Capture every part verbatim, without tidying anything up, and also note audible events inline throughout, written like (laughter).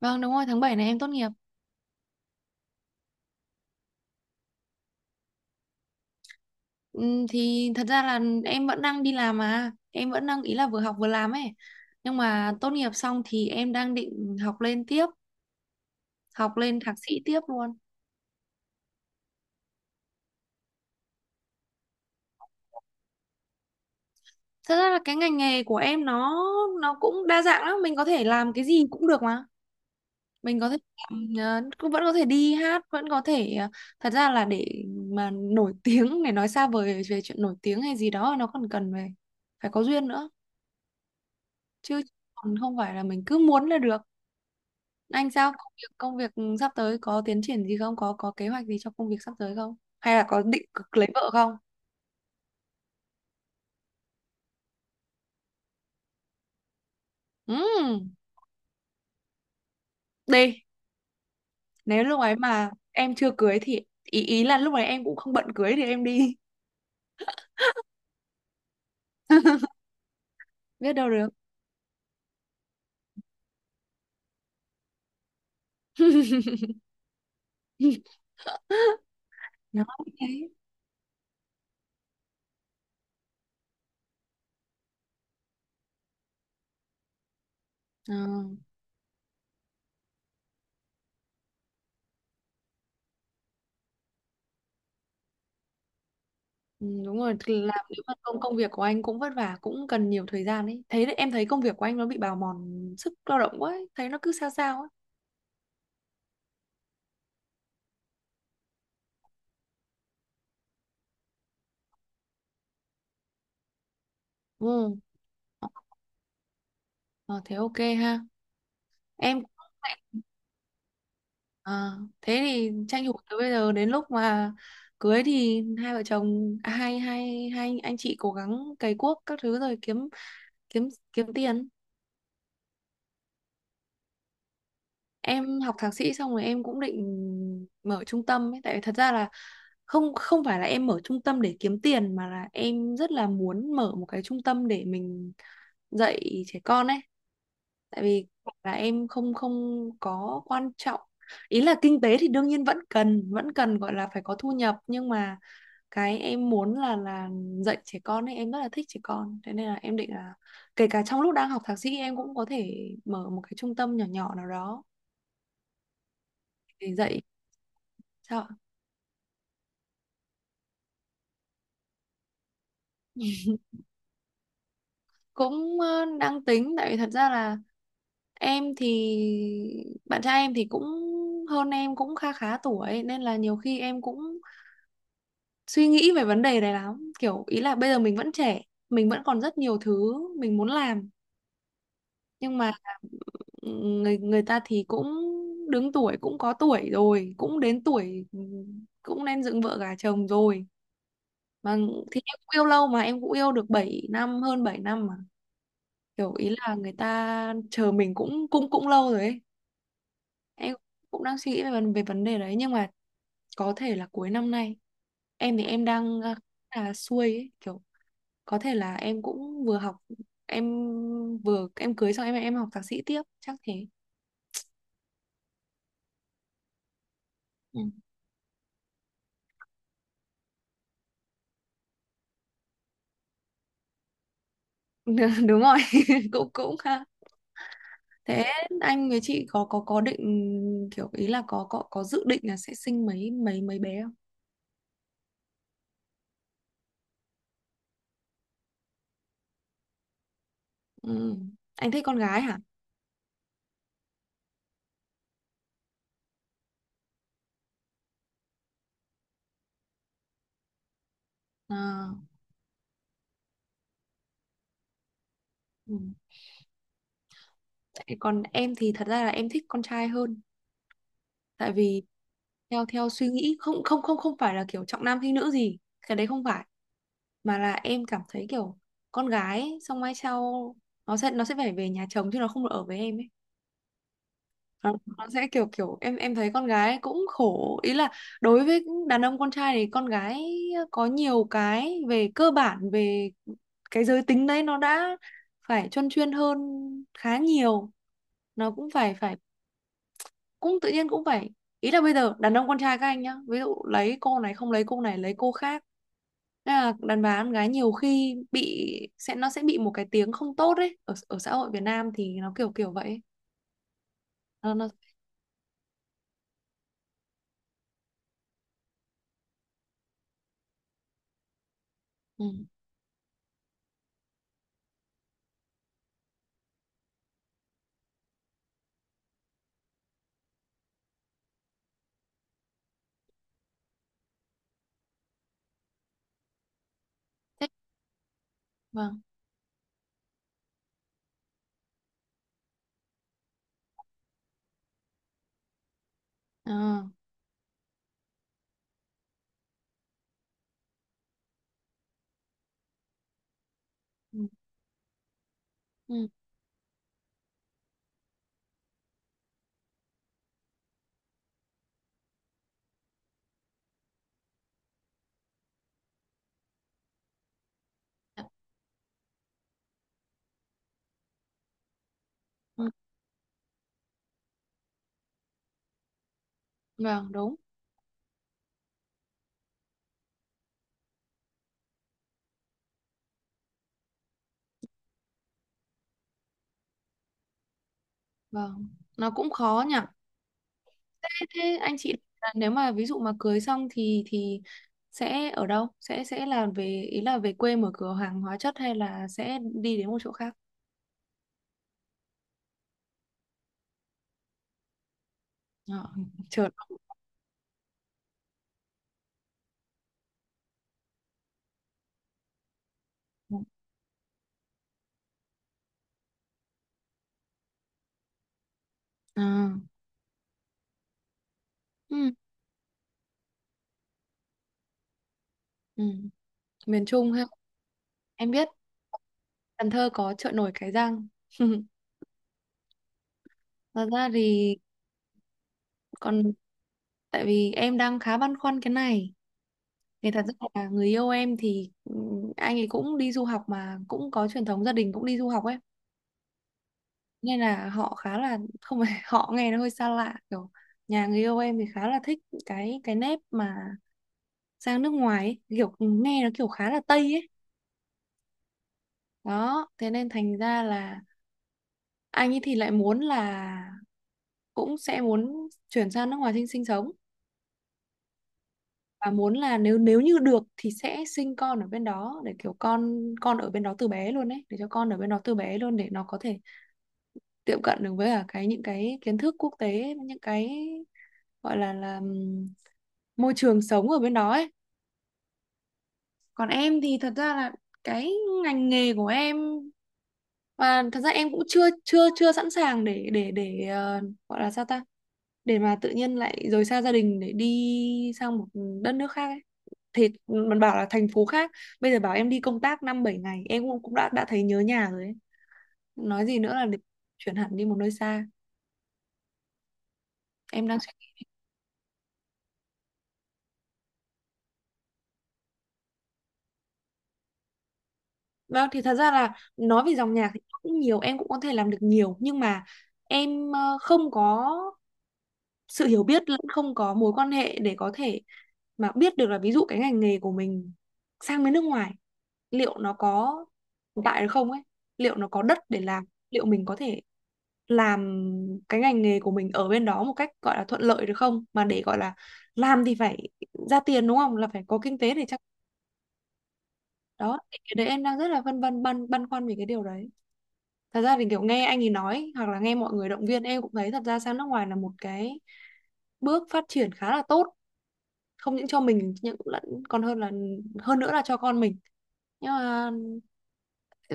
Vâng đúng rồi, tháng bảy này em tốt nghiệp. Ừm, thì thật ra là em vẫn đang đi làm mà. Em vẫn đang ý là vừa học vừa làm ấy. Nhưng mà tốt nghiệp xong thì em đang định học lên tiếp, học lên thạc sĩ tiếp luôn. Thật ra là cái ngành nghề của em nó nó cũng đa dạng lắm, mình có thể làm cái gì cũng được mà. Mình có thể làm, ờ, cũng vẫn có thể đi hát, vẫn có thể ờ, thật ra là để mà nổi (laughs) tiếng để nói xa vời về chuyện nổi tiếng hay gì đó nó còn cần về phải có duyên nữa chứ còn không phải là mình cứ muốn là được. Anh sao công việc công việc sắp tới có tiến triển gì không? Có có kế hoạch gì cho công việc sắp tới không? Hay là có định cực lấy vợ không? Ừm, đi. Nếu lúc ấy mà em chưa cưới thì ý ý là lúc ấy em cũng không bận cưới thì em đi. (laughs) Biết đâu được. (laughs) Nó như thế. Ờ, ừ, đúng rồi, thì làm nếu mà công công việc của anh cũng vất vả, cũng cần nhiều thời gian ấy. Thấy đấy, em thấy công việc của anh nó bị bào mòn sức lao động quá ấy. Thấy nó cứ sao sao ấy. Ừ. Ờ, ờ, thế ok ha. Em Ờ, thế thì tranh thủ từ bây giờ đến lúc mà cưới thì hai vợ chồng à, hai hai hai anh chị cố gắng cày cuốc các thứ rồi kiếm kiếm kiếm tiền. Em học thạc sĩ xong rồi em cũng định mở trung tâm ấy, tại vì thật ra là không không phải là em mở trung tâm để kiếm tiền mà là em rất là muốn mở một cái trung tâm để mình dạy trẻ con ấy, tại vì là em không không có quan trọng ý là kinh tế thì đương nhiên vẫn cần vẫn cần gọi là phải có thu nhập nhưng mà cái em muốn là là dạy trẻ con ấy, em rất là thích trẻ con thế nên là em định là kể cả trong lúc đang học thạc sĩ em cũng có thể mở một cái trung tâm nhỏ nhỏ nào đó để dạy. Sao ạ? cũng ờ, đang tính, tại vì thật ra là em thì bạn trai em thì cũng hơn em cũng kha khá tuổi, nên là nhiều khi em cũng suy nghĩ về vấn đề này lắm, kiểu ý là bây giờ mình vẫn trẻ, mình vẫn còn rất nhiều thứ mình muốn làm nhưng mà người người ta thì cũng đứng tuổi, cũng có tuổi rồi, cũng đến tuổi ừ, cũng nên dựng vợ gả chồng rồi mà, thì em cũng yêu lâu mà, em cũng yêu được bảy năm, hơn bảy năm mà, kiểu ý là người ta chờ mình cũng cũng cũng lâu rồi ấy. Em cũng đang suy nghĩ về, vấn- về vấn đề đấy nhưng mà có thể là cuối năm nay, em thì em đang à, là xuôi ấy, kiểu có thể là em cũng vừa học em vừa em cưới xong em em học thạc sĩ tiếp chắc thế. Ừ. (laughs) Đúng rồi. (laughs) cũng cũng ha. Thế anh với chị có có có định kiểu ý là có có có dự định là sẽ sinh mấy mấy mấy bé không? Ừ. Anh thích con gái hả? À, ừ. Tại Còn em thì thật ra là em thích con trai hơn, tại vì theo theo suy nghĩ, không không không không phải là kiểu trọng nam khinh nữ gì, cái đấy không phải, mà là em cảm thấy kiểu con gái xong mai sau nó sẽ nó sẽ phải về nhà chồng chứ nó không được ở với em ấy. Ờ, nó sẽ kiểu kiểu em em thấy con gái cũng khổ, ý là đối với đàn ông con trai thì con gái có nhiều cái về cơ bản, về cái giới tính đấy nó đã phải chuyên chuyên hơn khá nhiều, nó cũng phải phải cũng tự nhiên cũng phải, ý là bây giờ đàn ông con trai các anh nhá, ví dụ lấy cô này không lấy cô này lấy cô khác. Thế là đàn bà con gái nhiều khi bị, sẽ nó sẽ bị một cái tiếng không tốt ấy, ở ở xã hội Việt Nam thì nó kiểu kiểu vậy ấy. nó nó Ừ. Thế, vâng. Ờ, ừ, ừ, dạ, ừ, vâng đúng, vâng, nó cũng khó nhỉ. Thế, thế anh chị là nếu mà ví dụ mà cưới xong thì thì sẽ ở đâu, sẽ sẽ là về ý là về quê mở cửa hàng hóa chất hay là sẽ đi đến một chỗ khác? Ờ, (laughs) chợ. Ờ, ừ, ừ. Miền Trung ha. Em biết. Cần Thơ có chợ nổi Cái Răng. (laughs) Thật ra thì còn, tại vì em đang khá băn khoăn cái này, thì thật ra là người yêu em thì ừ, anh ấy cũng đi du học mà cũng có truyền thống gia đình cũng đi du học ấy, nên là họ khá là không phải (laughs) họ nghe nó hơi xa lạ, kiểu nhà người yêu em thì khá là thích cái cái nếp mà sang nước ngoài ấy, kiểu ừ, nghe nó kiểu khá là Tây ấy, đó thế nên thành ra là anh ấy thì lại muốn là cũng sẽ muốn chuyển sang nước ngoài sinh sinh sống, và muốn là nếu nếu như được thì sẽ sinh con ở bên đó để kiểu con con ở bên đó từ bé luôn ấy, để cho con ở bên đó từ bé luôn để nó có thể tiệm cận được với cả cái những cái kiến thức quốc tế, những cái gọi là là ừm, môi trường sống ở bên đó ấy. Còn em thì thật ra là cái ngành nghề của em, và thật ra em cũng chưa chưa chưa sẵn sàng để để để ờ, gọi là sao ta, để mà tự nhiên lại rời xa gia đình để đi sang một đất nước khác ấy. Thì mình bảo là thành phố khác, bây giờ bảo em đi công tác năm bảy ngày em cũng cũng đã đã thấy nhớ nhà rồi ấy, nói gì nữa là để chuyển hẳn đi một nơi xa. Em đang. Vâng, thì thật ra là nói về dòng nhạc thì cũng nhiều, em cũng có thể làm được nhiều nhưng mà em ờ, không có sự hiểu biết lẫn không có mối quan hệ để có thể mà biết được là ví dụ cái ngành nghề của mình sang bên nước ngoài liệu nó có tồn tại được không ấy, liệu nó có đất để làm, liệu mình có thể làm cái ngành nghề của mình ở bên đó một cách gọi là thuận lợi được không? Mà để gọi là làm thì phải ra tiền đúng không? Là phải có kinh tế để chắc đó. Thì cái đấy em đang rất là phân vân, băn băn khoăn về cái điều đấy. Thật ra thì kiểu nghe anh ấy nói hoặc là nghe mọi người động viên em cũng thấy thật ra sang nước ngoài là một cái bước phát triển khá là tốt, không những cho mình nhưng cũng lẫn, còn hơn là, hơn nữa là cho con mình, nhưng mà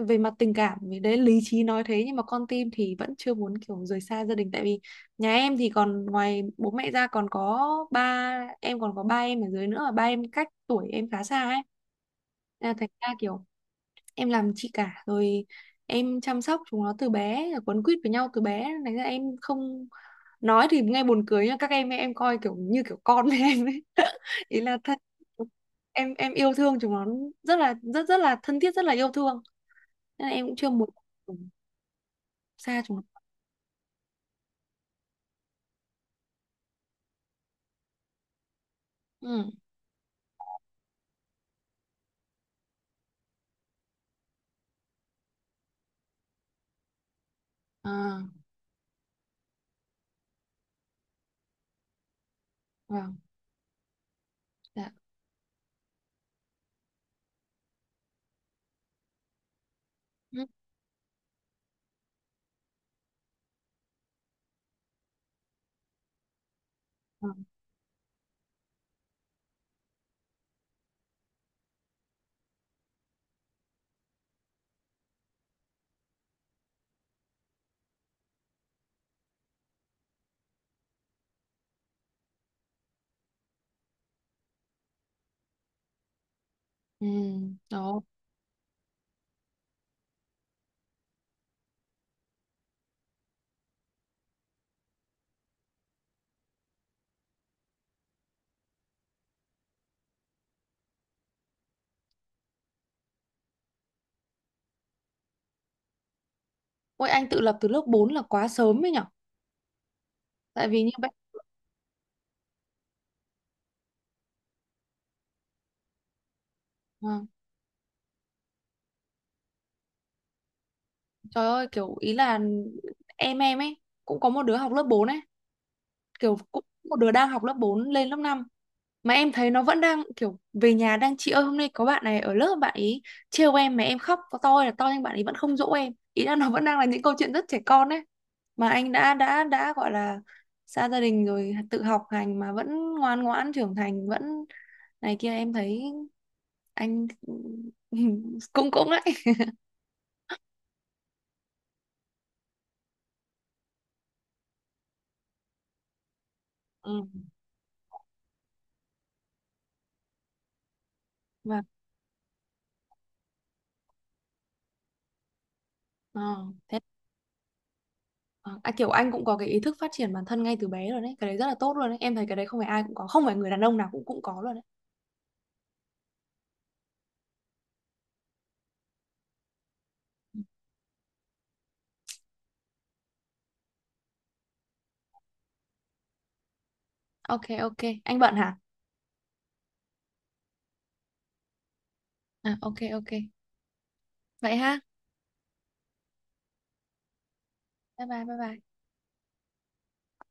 về mặt tình cảm thì đấy, lý trí nói thế nhưng mà con tim thì vẫn chưa muốn kiểu rời xa gia đình, tại vì nhà em thì còn ngoài bố mẹ ra còn có ba em, còn có ba em ở dưới nữa và ba em cách tuổi em khá xa ấy. Nên là thành ra kiểu em làm chị cả rồi, em chăm sóc chúng nó từ bé rồi, quấn quýt với nhau từ bé nên là em không, nói thì nghe buồn cười nhưng các em em coi kiểu như kiểu con (laughs) với em ấy, (laughs) ý là thật, em em yêu thương chúng nó rất là, rất rất là thân thiết, rất là yêu thương, nên là em cũng chưa muốn xa chúng nó. Ừ, à, vâng, dạ, ừ, vâng. Ừ, đó. Ôi anh tự lập từ lớp bốn là quá sớm ấy nhở, tại vì như vậy. Vâng. Trời ơi kiểu ý là em em ấy cũng có một đứa học lớp bốn ấy, kiểu cũng một đứa đang học lớp bốn lên lớp năm mà em thấy nó vẫn đang kiểu về nhà đang chị ơi hôm nay có bạn này ở lớp bạn ấy trêu em mà em khóc có to hay là to nhưng bạn ấy vẫn không dỗ em, ý là nó vẫn đang là những câu chuyện rất trẻ con ấy, mà anh đã đã đã gọi là xa gia đình rồi tự học hành mà vẫn ngoan ngoãn trưởng thành vẫn này kia, em thấy anh (laughs) cũng cũng đấy. Ừ. Và ờ, thế. Ờ, à, kiểu anh cũng có cái ý thức phát triển bản thân ngay từ bé rồi đấy, cái đấy rất là tốt luôn đấy, em thấy cái đấy không phải ai cũng có, không phải người đàn ông nào cũng cũng có luôn đấy. Ok ok anh bận hả? À ok ok vậy ha. Bye bye bye bye.